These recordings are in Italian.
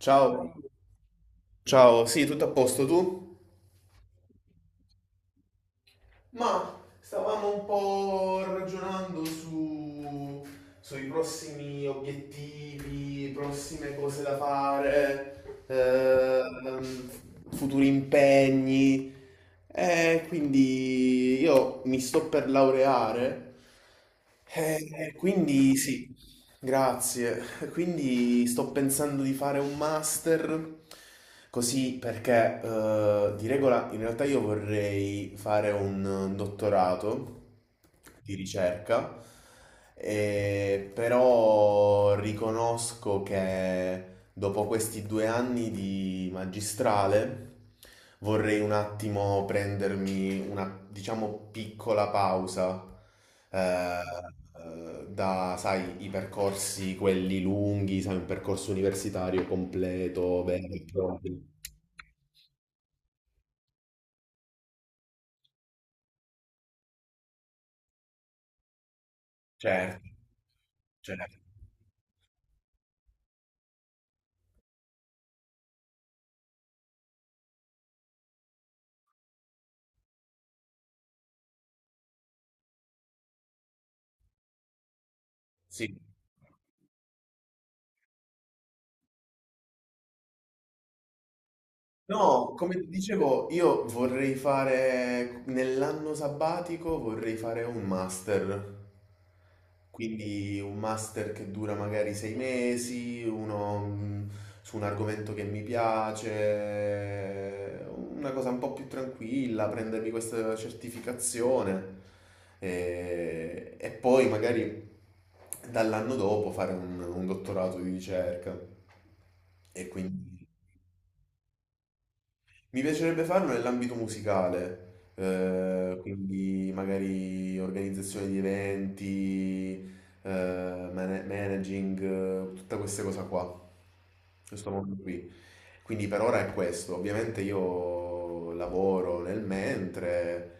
Ciao, ciao, sì, tutto a posto tu? Ma stavamo un po' ragionando sui prossimi obiettivi, prossime cose da fare, futuri impegni. E quindi io mi sto per laureare, e quindi sì, grazie. Quindi sto pensando di fare un master così perché di regola in realtà io vorrei fare un dottorato di ricerca, però riconosco che dopo questi due anni di magistrale vorrei un attimo prendermi diciamo, piccola pausa eh, da, sai, i percorsi, quelli lunghi, sai, un percorso universitario completo, bello. Certo, certo. Sì. No, come ti dicevo, io vorrei fare nell'anno sabbatico vorrei fare un master. Quindi un master che dura magari sei mesi, uno su un argomento che mi piace, una cosa un po' più tranquilla, prendermi questa certificazione e poi magari dall'anno dopo fare un dottorato di ricerca. E quindi. Mi piacerebbe farlo nell'ambito musicale, quindi magari organizzazione di eventi, eh, managing, tutte queste cose qua, questo mondo qui. Quindi per ora è questo. Ovviamente io lavoro nel mentre,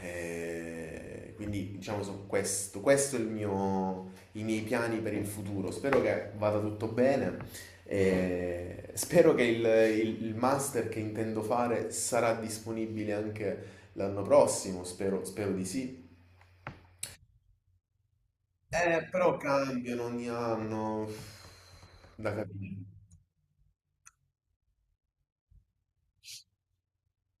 quindi diciamo so questo, questo è i miei piani per il futuro. Spero che vada tutto bene e spero che il master che intendo fare sarà disponibile anche l'anno prossimo, spero, spero di sì. Però cambiano ogni anno, da capire.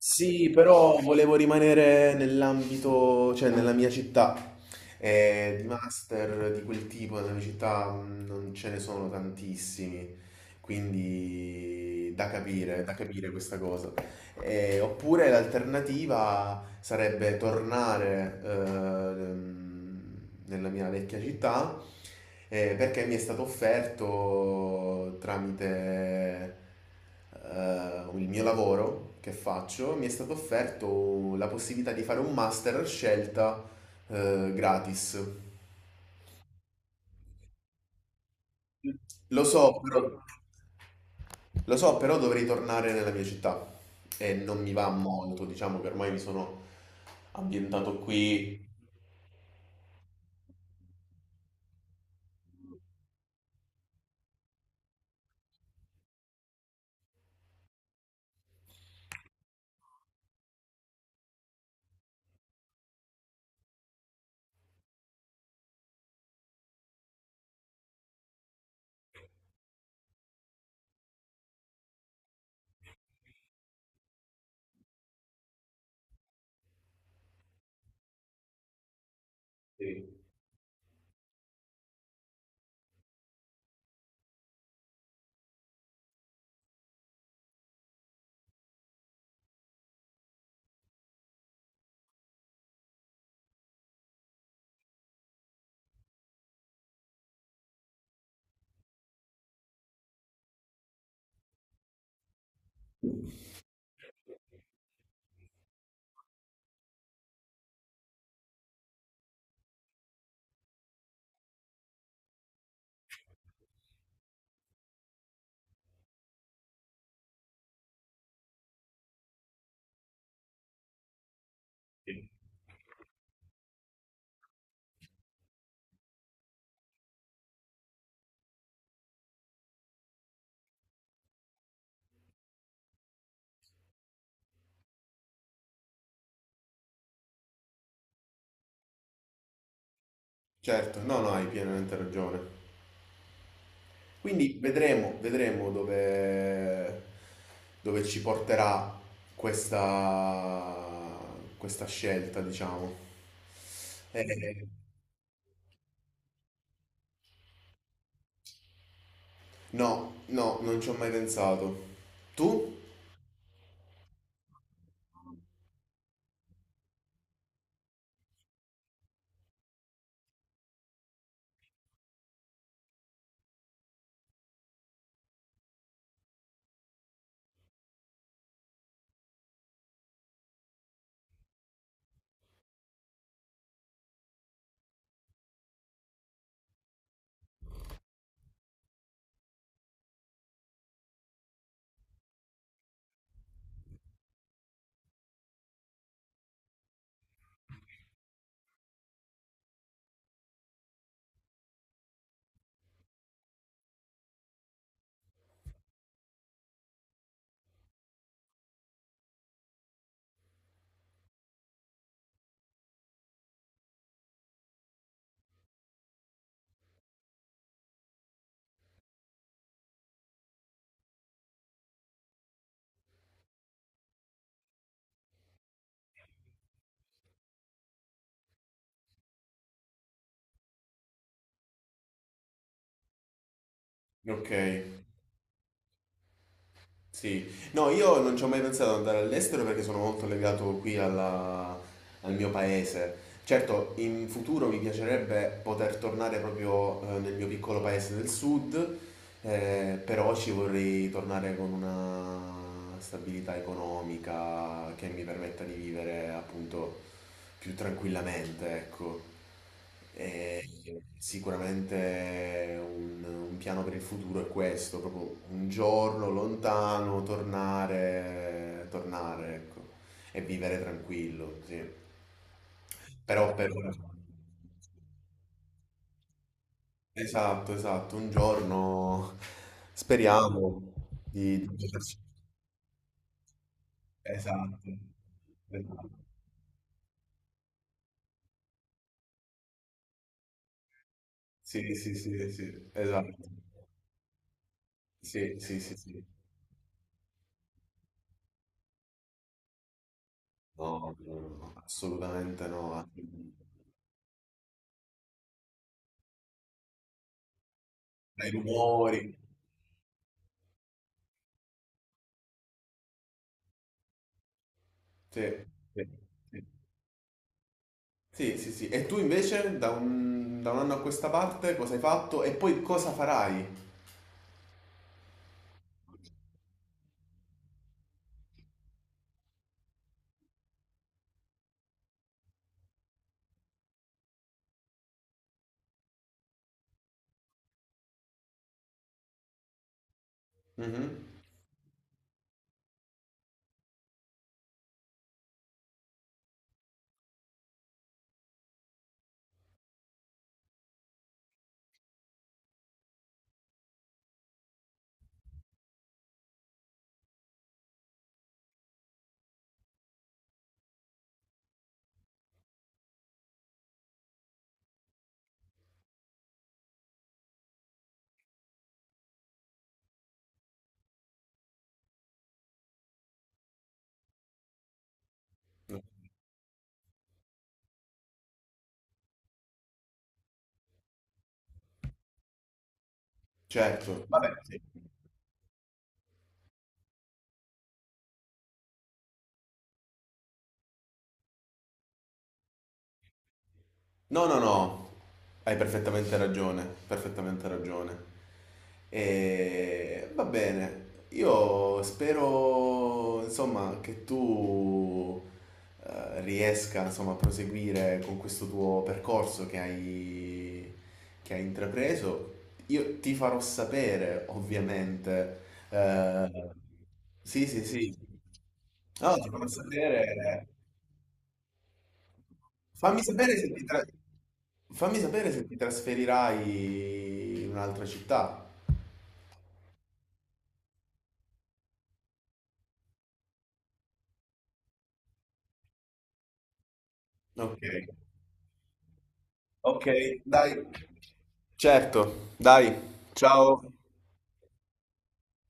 Sì, però volevo rimanere nell'ambito, cioè nella mia città. Di master di quel tipo nella mia città non ce ne sono tantissimi, quindi da capire questa cosa. Oppure l'alternativa sarebbe tornare nella mia vecchia città perché mi è stato offerto tramite il mio lavoro che faccio, mi è stato offerto la possibilità di fare un master a scelta gratis. Lo so, però, lo so, però dovrei tornare nella mia città e non mi va molto, diciamo che ormai mi sono ambientato qui. Sì. Certo, no, no, hai pienamente ragione. Quindi vedremo, vedremo dove, dove ci porterà questa, questa scelta, diciamo. Eh, no, no, non ci ho mai pensato. Tu? Ok, sì. No, io non ci ho mai pensato ad andare all'estero perché sono molto legato qui al mio paese. Certo, in futuro mi piacerebbe poter tornare proprio nel mio piccolo paese del sud. Però ci vorrei tornare con una stabilità economica che mi permetta di vivere appunto più tranquillamente, ecco. E sicuramente un piano per il futuro è questo, proprio un giorno lontano, tornare, tornare, ecco, e vivere tranquillo, sì. Però per ora... Esatto, esatto, un giorno speriamo di... Esatto, esatto. Sì, sì, sì, sì, esatto. Sì, sì, sì, sì. No, no, no, no, assolutamente no. Dai rumori. Sì, sì, sì. Sì, sì, sì. E tu invece da da un anno a questa parte cosa hai fatto e poi cosa farai? Mhm. Certo, vabbè, sì. No, no, no, hai perfettamente ragione, perfettamente ragione. E va bene, io spero, insomma, che tu riesca, insomma, a proseguire con questo tuo percorso che hai intrapreso. Io ti farò sapere, ovviamente. eh, sì, sì, sì. No, ti farò sapere. Fammi sapere se ti, tra- Fammi sapere se ti trasferirai in un'altra città. Ok, ok, dai. Certo, dai. Ciao.